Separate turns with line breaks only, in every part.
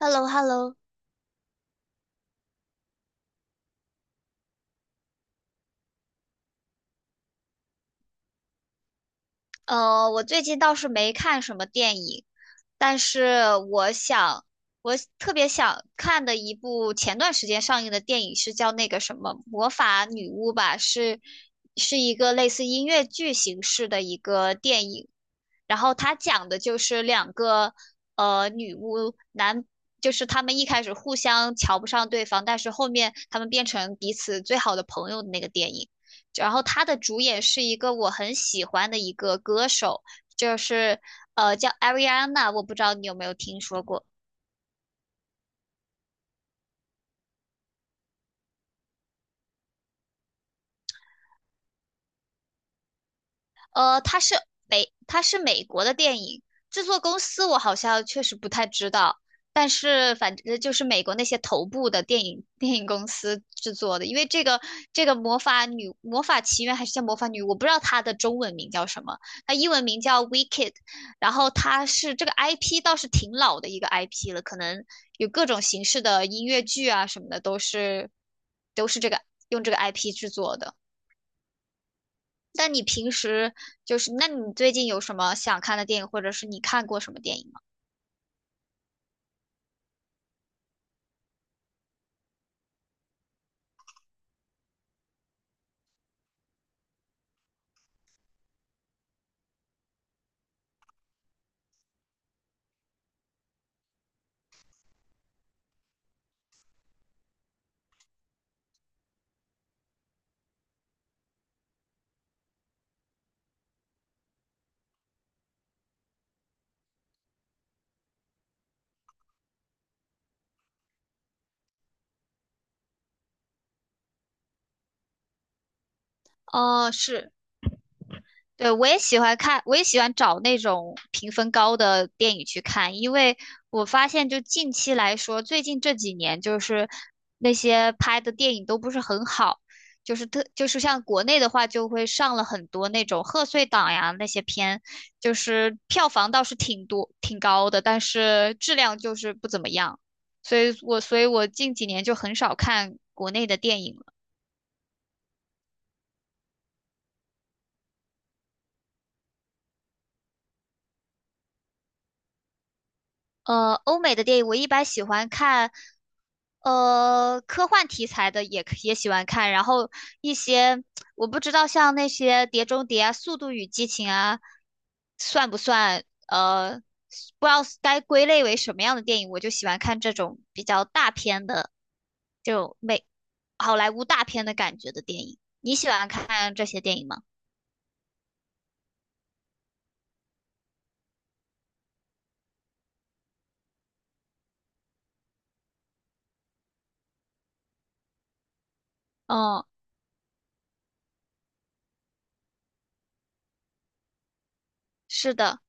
h e l l o h e l l o 我最近倒是没看什么电影，但是我想，我特别想看的一部前段时间上映的电影是叫那个什么《魔法女巫》吧，是一个类似音乐剧形式的一个电影。然后他讲的就是两个女巫男，就是他们一开始互相瞧不上对方，但是后面他们变成彼此最好的朋友的那个电影。然后他的主演是一个我很喜欢的一个歌手，就是叫 Ariana,我不知道你有没有听说过。它是美，它是美国的电影制作公司，我好像确实不太知道，但是反正就是美国那些头部的电影公司制作的。因为这个这个魔法女魔法奇缘还是叫魔法女，我不知道它的中文名叫什么，它英文名叫 Wicked。然后它是这个 IP 倒是挺老的一个 IP 了，可能有各种形式的音乐剧啊什么的都是这个用这个 IP 制作的。那你平时就是，那你最近有什么想看的电影，或者是你看过什么电影吗？哦，是对，我也喜欢看，我也喜欢找那种评分高的电影去看。因为我发现就近期来说，最近这几年就是那些拍的电影都不是很好，就是特就是像国内的话，就会上了很多那种贺岁档呀那些片，就是票房倒是挺多挺高的，但是质量就是不怎么样，所以我近几年就很少看国内的电影了。呃，欧美的电影我一般喜欢看，呃，科幻题材的也可也喜欢看。然后一些我不知道像那些《碟中谍》啊、《速度与激情》啊，算不算呃，不知道该归类为什么样的电影，我就喜欢看这种比较大片的，就美好莱坞大片的感觉的电影。你喜欢看这些电影吗？哦，是的，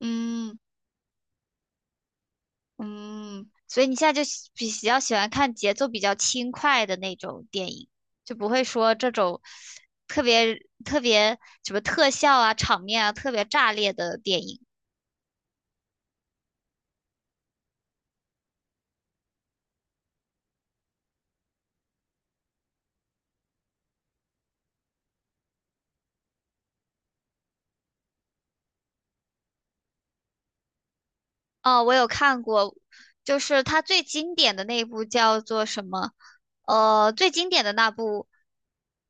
嗯。嗯，所以你现在就喜比比较喜欢看节奏比较轻快的那种电影，就不会说这种特别特别什么特效啊、场面啊特别炸裂的电影。哦，我有看过，就是它最经典的那一部叫做什么？呃，最经典的那部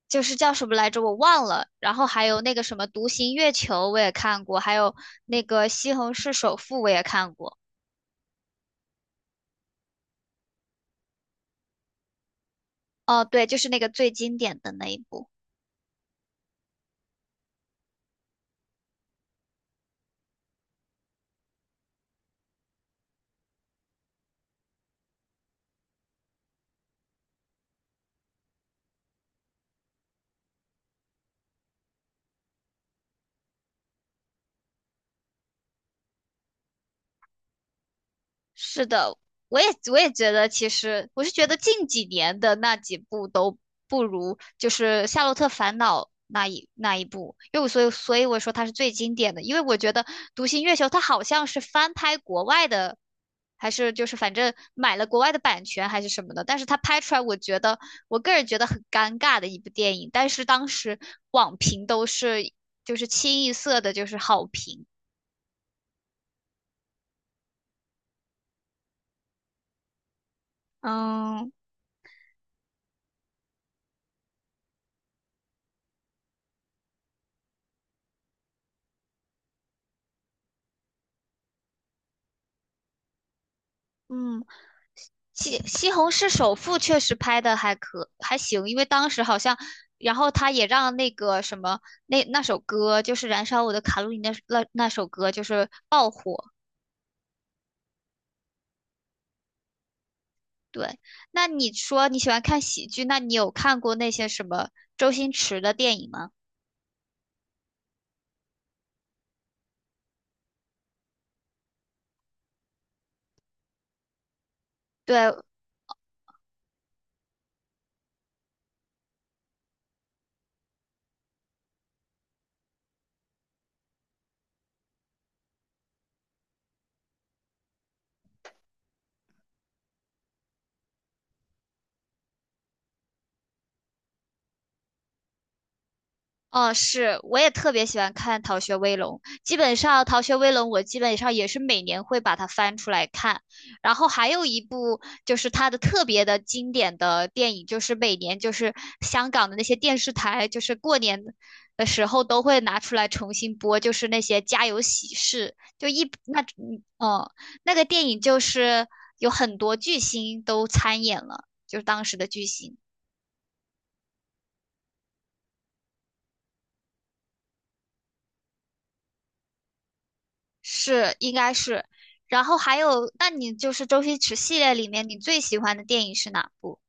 就是叫什么来着？我忘了。然后还有那个什么《独行月球》，我也看过，还有那个《西虹市首富》，我也看过。哦，对，就是那个最经典的那一部。是的，我也觉得，其实我是觉得近几年的那几部都不如就是《夏洛特烦恼》那一部。因为我所以我说它是最经典的，因为我觉得《独行月球》它好像是翻拍国外的，还是就是反正买了国外的版权还是什么的。但是它拍出来，我觉得我个人觉得很尴尬的一部电影，但是当时网评都是就是清一色的就是好评，嗯。嗯，西西红柿首富确实拍的还可还行，因为当时好像，然后他也让那个什么那首歌就是《燃烧我的卡路里》那首歌就是爆火。对，那你说你喜欢看喜剧，那你有看过那些什么周星驰的电影吗？对，哦，是，我也特别喜欢看《逃学威龙》。基本上，《逃学威龙》我基本上也是每年会把它翻出来看。然后还有一部就是它的特别的经典的电影，就是每年就是香港的那些电视台，就是过年的时候都会拿出来重新播，就是那些家有喜事，就一那嗯哦，那个电影就是有很多巨星都参演了，就是当时的巨星。是，应该是。然后还有，那你就是周星驰系列里面你最喜欢的电影是哪部？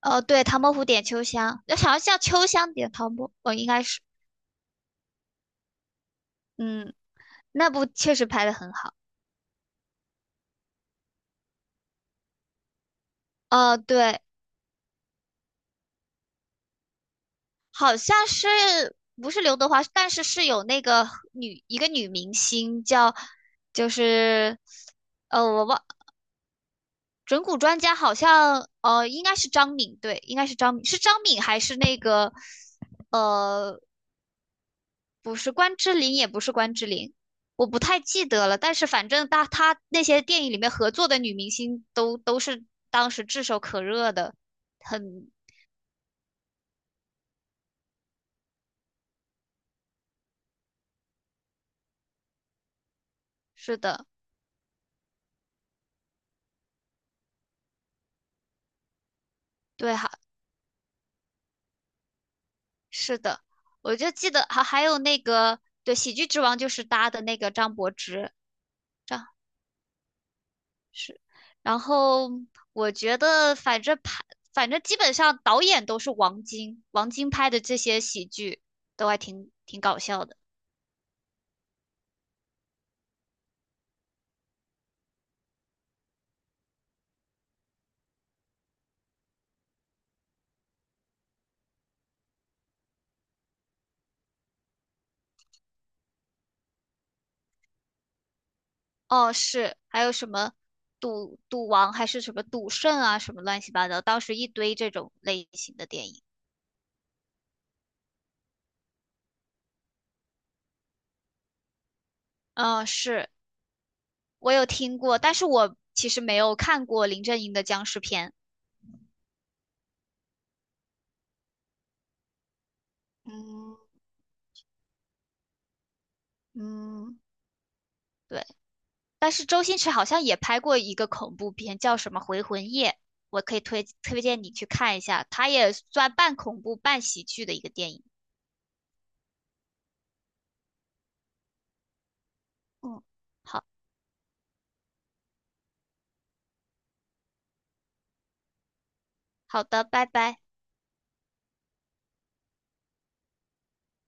哦，对，《唐伯虎点秋香》，要想要叫秋香点唐伯，哦，应该是，嗯，那部确实拍的很好。哦，对，好像是不是刘德华，但是是有那个女一个女明星叫，就是，我忘整蛊专家好像，呃，应该是张敏，对，应该是张敏，是张敏还是那个，呃。不是关之琳，也不是关之琳，我不太记得了。但是反正他他那些电影里面合作的女明星都是当时炙手可热的，很是的，对哈，是的，我就记得还有那个对《喜剧之王》就是搭的那个张柏芝，张是，然后我觉得反正拍反正基本上导演都是王晶，王晶拍的这些喜剧都还挺挺搞笑的。哦，是，还有什么赌赌王还是什么赌圣啊，什么乱七八糟，当时一堆这种类型的电影。嗯，是，我有听过，但是我其实没有看过林正英的僵尸片。嗯嗯，对，但是周星驰好像也拍过一个恐怖片，叫什么《回魂夜》，我可以推推荐你去看一下，它也算半恐怖半喜剧的一个电影。嗯，好，好的，拜拜。